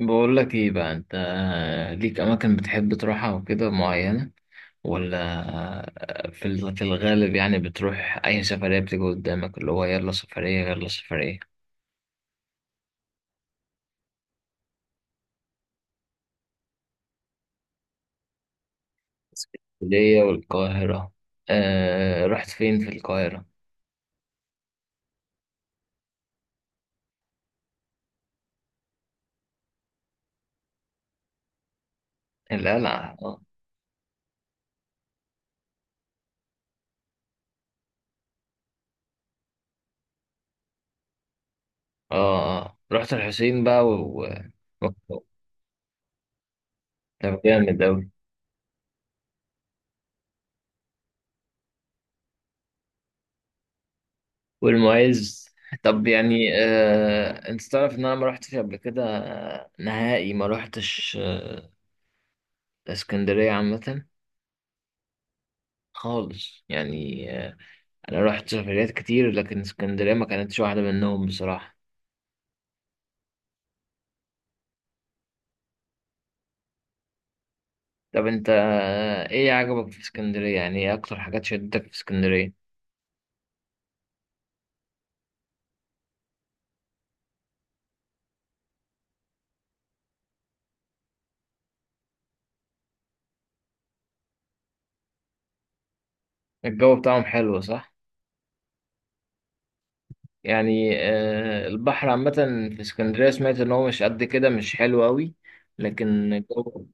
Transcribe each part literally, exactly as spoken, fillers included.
بقول لك ايه بقى؟ انت ليك اماكن بتحب تروحها وكده معينة، ولا في ال- في الغالب يعني بتروح اي سفرية بتيجي قدامك اللي هو يلا سفرية يلا سفرية؟ اسكندرية والقاهرة. آه، رحت فين في القاهرة؟ القلعة، اه. اه، آه. رحت الحسين بقى و... و... طب جامد اوي، والمعز. طب يعني، آه انت تعرف ان انا ما رحتش قبل كده آه، نهائي ما رحتش آه، اسكندرية عامة خالص، يعني آه، انا رحت سفريات كتير لكن اسكندريه ما كانتش واحده منهم بصراحه. طب انت، آه، ايه عجبك في اسكندريه؟ يعني ايه اكتر حاجات شدتك في اسكندريه؟ الجو بتاعهم حلو صح؟ يعني آه، البحر عامه في اسكندريه سمعت ان هو مش قد كده، مش حلو قوي، لكن الجو.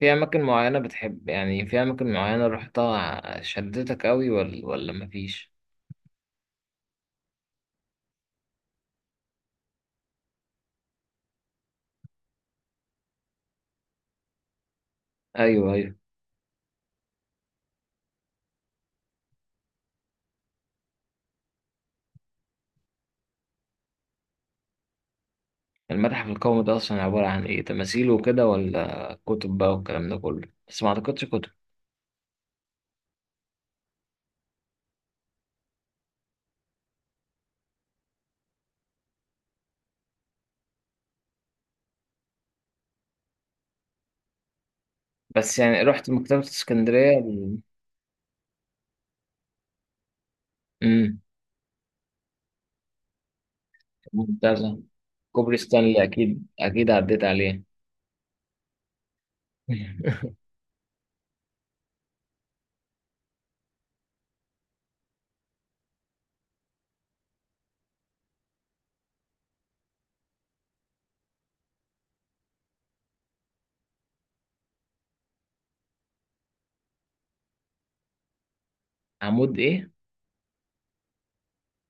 في اماكن معينه بتحب، يعني في اماكن معينه رحتها شدتك قوي، ولا ولا مفيش؟ ايوه، ايوه. المتحف القومي ده أصلا عبارة عن إيه، تماثيل وكده ولا كتب بقى والكلام ده كله؟ بس ما أعتقدش كتب. بس يعني رحت مكتبة اسكندرية ال- أمم. ممتازة. كوبري ستانلي أكيد أكيد عديت عليه. عمود إيه؟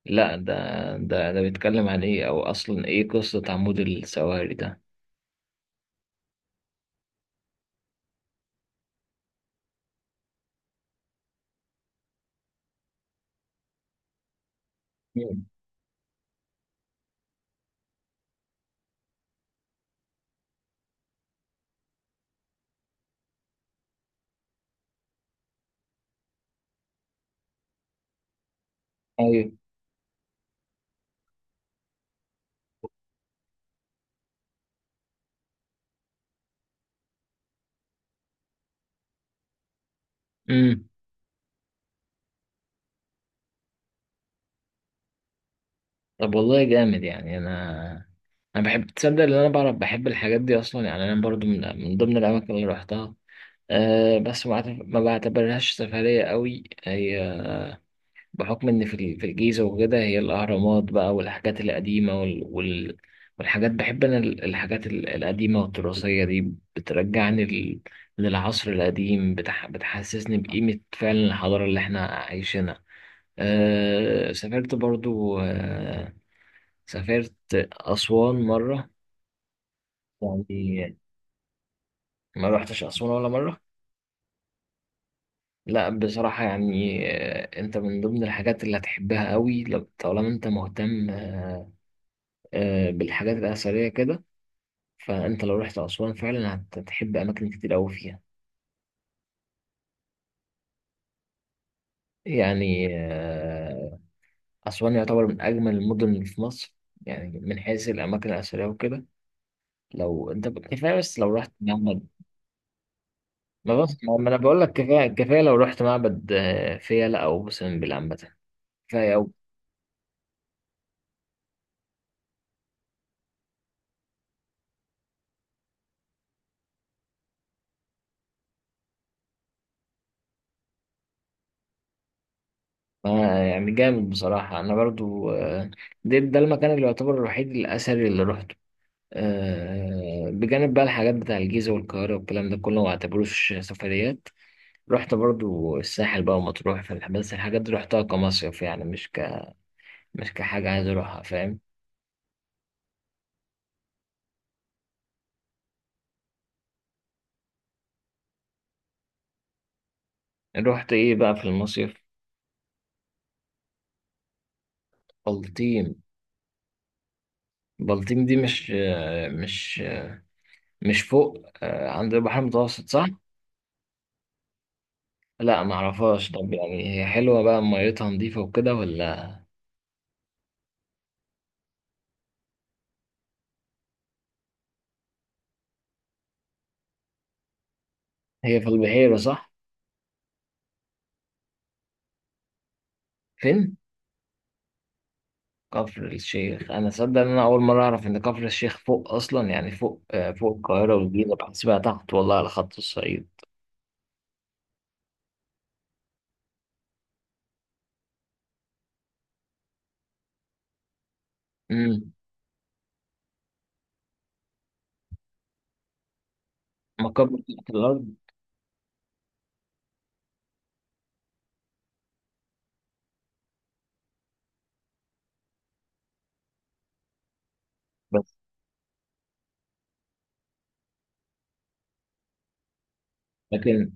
لا، ده ده ده بيتكلم عن إيه؟ أو أصلا إيه قصة عمود السواري ده؟ أمم. أيوه. أمم. طب والله جامد يعني. أنا أنا بحب، تصدق إن أنا بعرف بحب الحاجات دي أصلا، يعني أنا برضو من من ضمن الأماكن اللي رحتها. أه، بس ما أعتبر- ما بعتبرهاش سفرية قوي هي، بحكم إن في ال- في الجيزة وكده، هي الأهرامات بقى والحاجات القديمة وال وال والحاجات. بحب أنا ال- الحاجات ال- القديمة والتراثية دي بترجعني لل- للعصر القديم، بتح بتحسسني بقيمة فعلا الحضارة اللي إحنا عايشينها. أه، سافرت برضو. أه سافرت أسوان مرة، يعني ما روحتش أسوان ولا مرة لا بصراحة. يعني آه، انت من ضمن الحاجات اللي هتحبها قوي، لو طالما انت مهتم آه، آه، بالحاجات الأثرية كده. فانت لو رحت أسوان فعلا هت- هتحب أماكن كتير قوي فيها. يعني آه، أسوان يعتبر من أجمل المدن اللي في مصر، يعني من حيث الأماكن الأثرية وكده. لو انت ب- كفاية، بس لو رحت معبد. ما بس ما ما انا بقول لك كفاية كفاية، لو رحت معبد آه، فيلة أو مثلا بالعنبة، كفاية. آه، يعني جامد بصراحة. أنا برضو، آه، ده, ده المكان اللي يعتبر الوحيد الأثري اللي روحته، آه، بجانب بقى الحاجات بتاع الجيزة والقاهرة والكلام ده كله، ما اعتبروش سفريات. رحت برضو الساحل بقى ومطروح، في بس الحاجات دي رحتها كمصيف، يعني مش ك مش كحاجة عايز أروحها، فاهم؟ رحت إيه بقى في المصيف؟ بلطيم. بلطيم دي مش آه، مش مش فوق آه، عند البحر المتوسط صح؟ لا، معرفهاش. طب يعني هي حلوة بقى، ميتها نظيفة وكده ولا؟ هي في البحيرة صح؟ فين؟ كفر الشيخ، أنا صدق إن أنا أول مرة أعرف إن كفر الشيخ فوق أصلا. يعني فوق آه، فوق القاهرة والجيزة، بحسبها تحت والله على خط الصعيد. امم مقابر تحت الأرض؟ بس لكن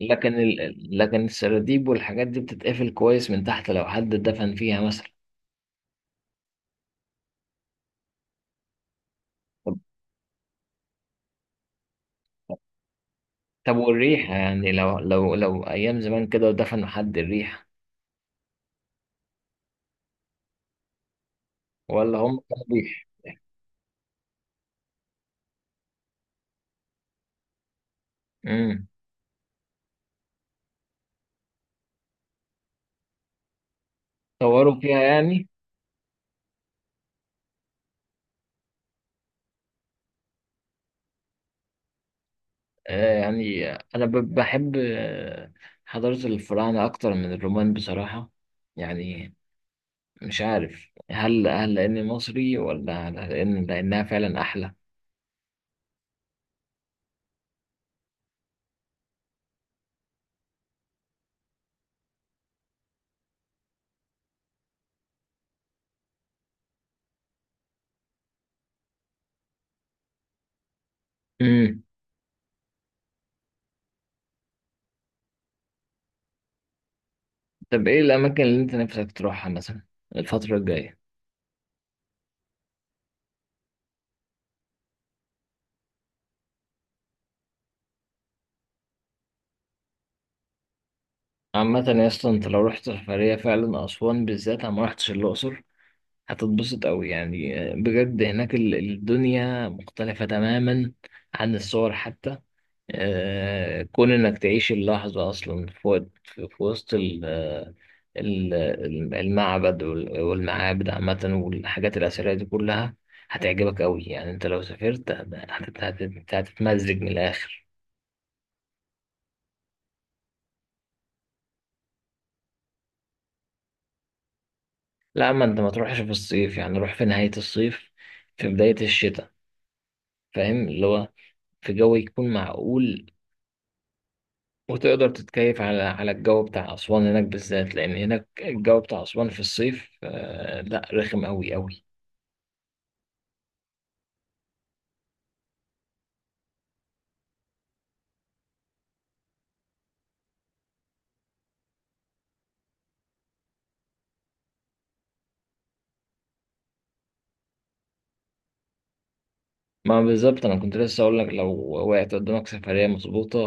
لكن ال... لكن السراديب والحاجات دي بتتقفل كويس من تحت لو حد دفن فيها مثلا؟ طب طب والريحة يعني، لو لو لو أيام زمان كده ودفنوا حد، الريحة؟ ولا هم كانوا بيح امم طوروا فيها يعني. آه، يعني أنا ب- بحب آه، حضارة الفراعنة أكتر من الرومان بصراحة. يعني مش عارف، هل هل لأني مصري، ولا هل لأن لأنها فعلا أحلى؟ مم. طب إيه الأماكن اللي أنت نفسك تروحها مثلا الفترة الجاية؟ عامة يا اسطى، أنت لو رحت سفرية فعلا أسوان بالذات، أنا ما رحتش الأقصر، هتتبسط أوي يعني آه، بجد. هناك ال- الدنيا مختلفة تماما عن الصور حتى. آه، كون انك تعيش اللحظة اصلا في وقت- في في وسط ال- آه، ال- ال- المعبد وال- والمعابد عامة والحاجات الأثرية دي كلها هتعجبك أوي. يعني أنت لو سافرت هت- هت- هت- هتتمزج من الآخر. لا، ما أنت ما تروحش في الصيف، يعني روح في نهاية الصيف، في بداية الشتاء. فاهم اللي هو، في جو يكون معقول، وتقدر تتكيف على على الجو بتاع أسوان هناك بالذات، لأن هناك الجو بتاع أسوان في الصيف آه، لا رخم أوي أوي. ما بالظبط، انا كنت لسه اقول لك لو وقعت قدامك سفريه مظبوطه،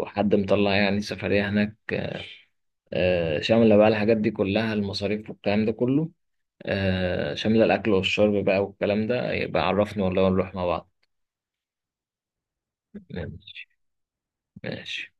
وحد مطلع يعني سفريه هناك، آه، شامله بقى الحاجات دي كلها، المصاريف والكلام ده كله، آه، شامله الاكل والشرب بقى والكلام ده، يبقى عرفني والله ونروح مع بعض. ماشي، ماشي.